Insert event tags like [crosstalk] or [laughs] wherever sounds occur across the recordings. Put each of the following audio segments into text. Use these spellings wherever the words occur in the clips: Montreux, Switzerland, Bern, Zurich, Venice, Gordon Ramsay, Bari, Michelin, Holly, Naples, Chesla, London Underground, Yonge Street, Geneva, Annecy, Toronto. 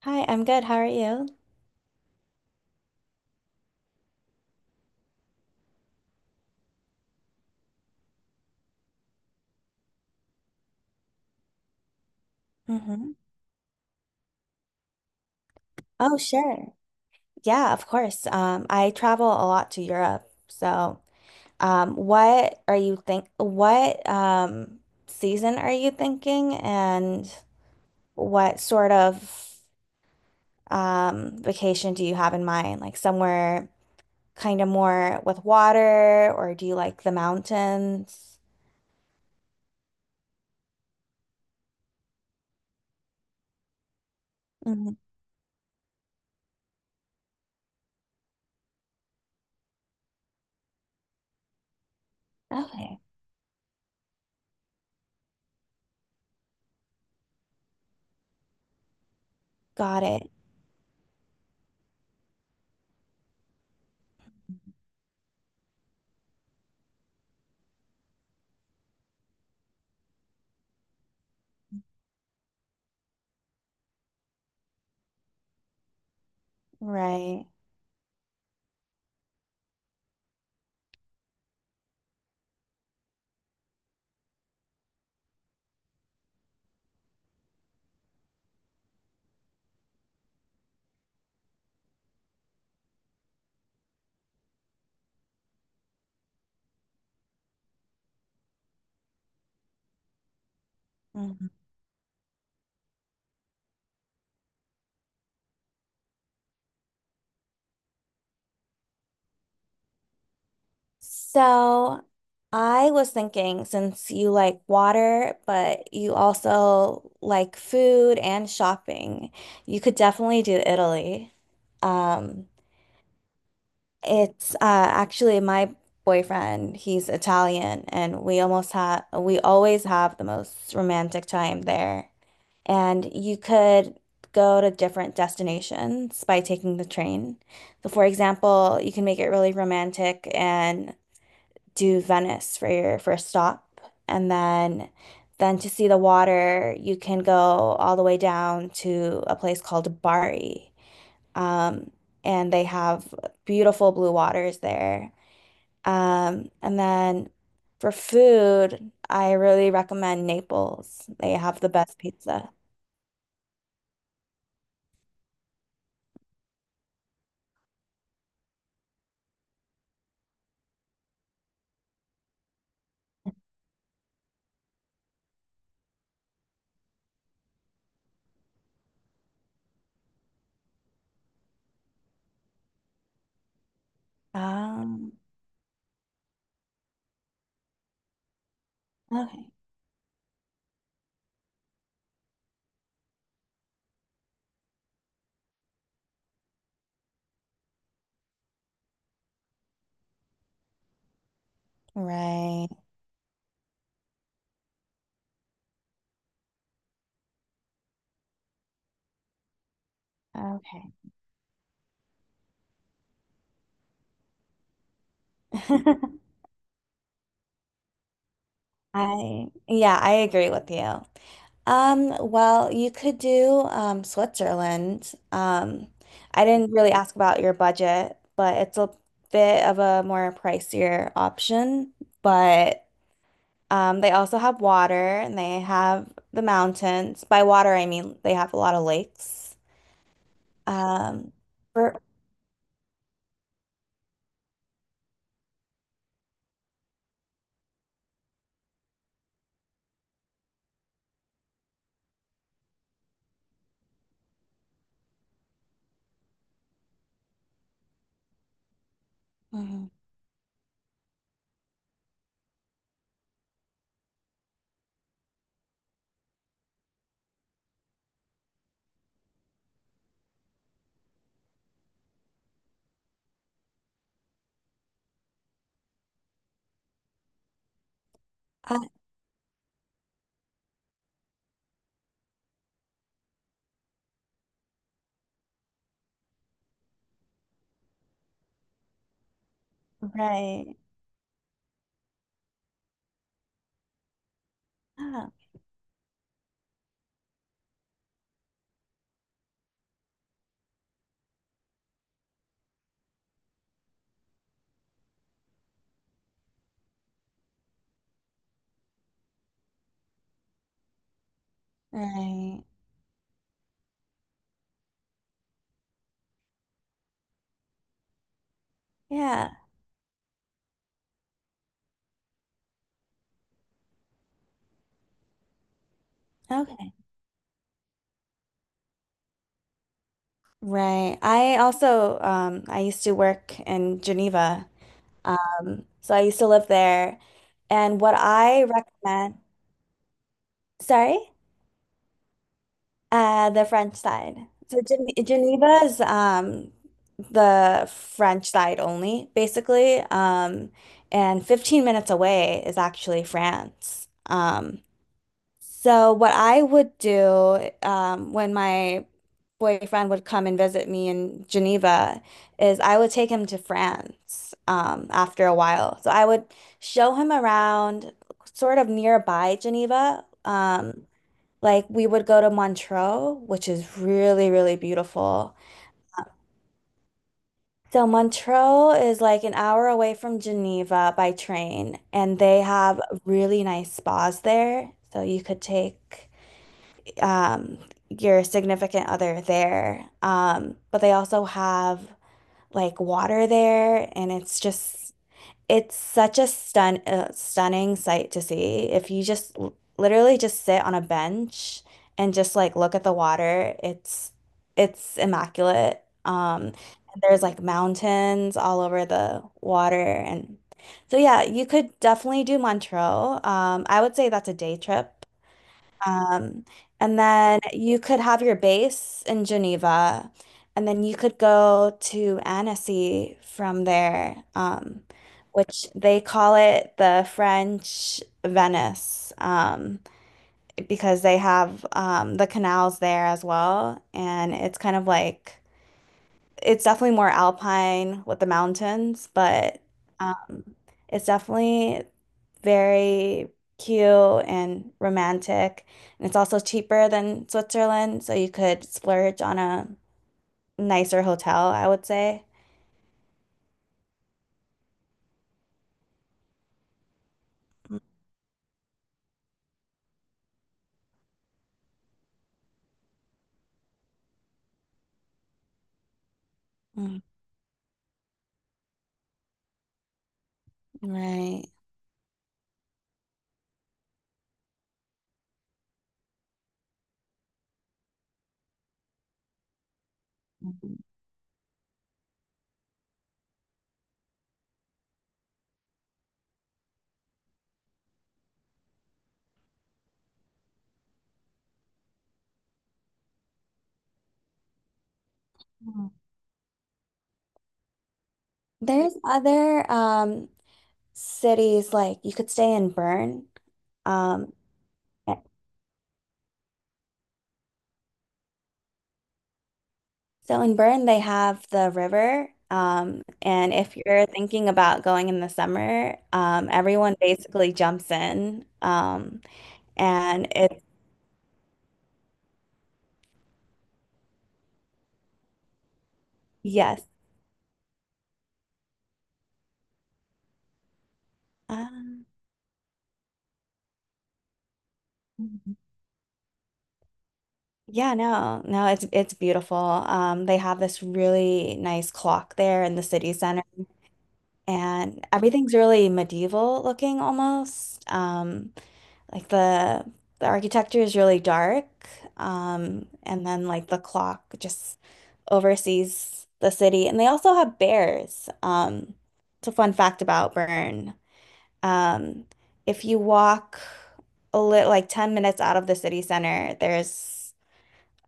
Hi, I'm good. How are you? Mm-hmm. Oh, sure. Yeah, of course. I travel a lot to Europe. So, what are you think what season are you thinking and what sort of vacation do you have in mind? Like somewhere kind of more with water, or do you like the mountains? Mhm. Okay, got it. Right. Mhm. So I was thinking since you like water, but you also like food and shopping, you could definitely do Italy. Um, It's actually my boyfriend he's Italian, and we always have the most romantic time there. And you could go to different destinations by taking the train. So for example, you can make it really romantic and do Venice for your first stop, and then to see the water, you can go all the way down to a place called Bari. Um, and they have beautiful blue waters there. And then for food, I really recommend Naples. They have the best pizza. Um, Okay. Right. Okay. [laughs] Yeah, I agree with you. Well, you could do Switzerland. I didn't really ask about your budget, but it's a bit of a more pricier option, but they also have water and they have the mountains. By water, I mean they have a lot of lakes. Um, for, Mhm. Uh, right. Ah, right. Yeah. Okay. Right. I also, I used to work in Geneva. So I used to live there. And what I recommend, sorry? The French side. So Geneva is the French side only, basically. And 15 minutes away is actually France. So what I would do when my boyfriend would come and visit me in Geneva is I would take him to France after a while. So I would show him around sort of nearby Geneva. Like we would go to Montreux, which is really, really beautiful. So Montreux is like an hour away from Geneva by train, and they have really nice spas there. So you could take um, your significant other there. But they also have like water there, and it's such a stunning sight to see. If you just literally just sit on a bench and just like look at the water, it's immaculate. And there's like mountains all over the water and so yeah, you could definitely do Montreux. I would say that's a day trip. Um, and then you could have your base in Geneva, and then you could go to Annecy from there, which they call it the French Venice, because they have the canals there as well. And it's kind of like, it's definitely more alpine with the mountains, but. It's definitely very cute and romantic. And it's also cheaper than Switzerland, so you could splurge on a nicer hotel, I would say. Mm, right. Mhm. There's other cities like you could stay in Bern. Um, yeah. So in Bern they have the river. And if you're thinking about going in the summer, everyone basically jumps in. And it's Yes. Um, yeah, no, no, it's beautiful. They have this really nice clock there in the city center, and everything's really medieval looking almost. Like the architecture is really dark. And then like the clock just oversees the city, and they also have bears. It's a fun fact about Bern. Um, if you walk a little like 10 minutes out of the city center,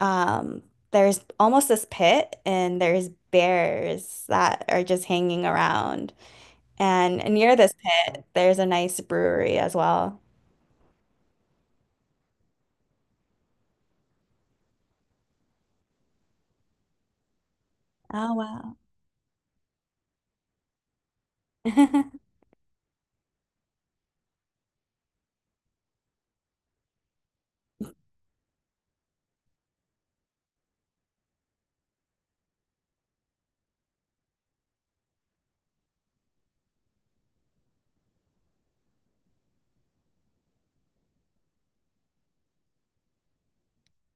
um there's almost this pit and there's bears that are just hanging around. And near this pit, there's a nice brewery as well. Oh, wow. [laughs]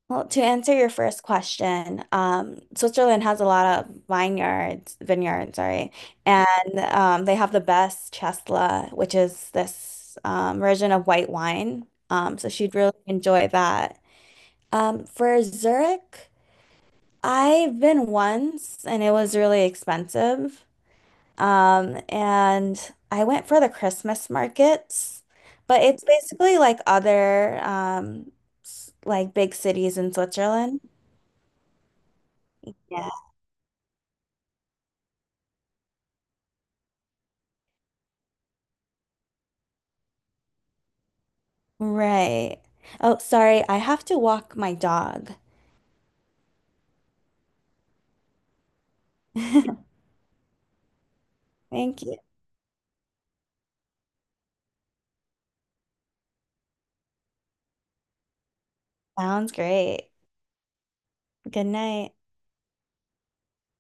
Well, to answer your first question, Switzerland has a lot of vineyards, sorry, and they have the best Chesla, which is this version of white wine. So she'd really enjoy that. For Zurich, I've been once, and it was really expensive. And I went for the Christmas markets, but it's basically like other like big cities in Switzerland. Right. Oh, sorry. I have to walk my dog. [laughs] Thank you. Sounds great. Good night.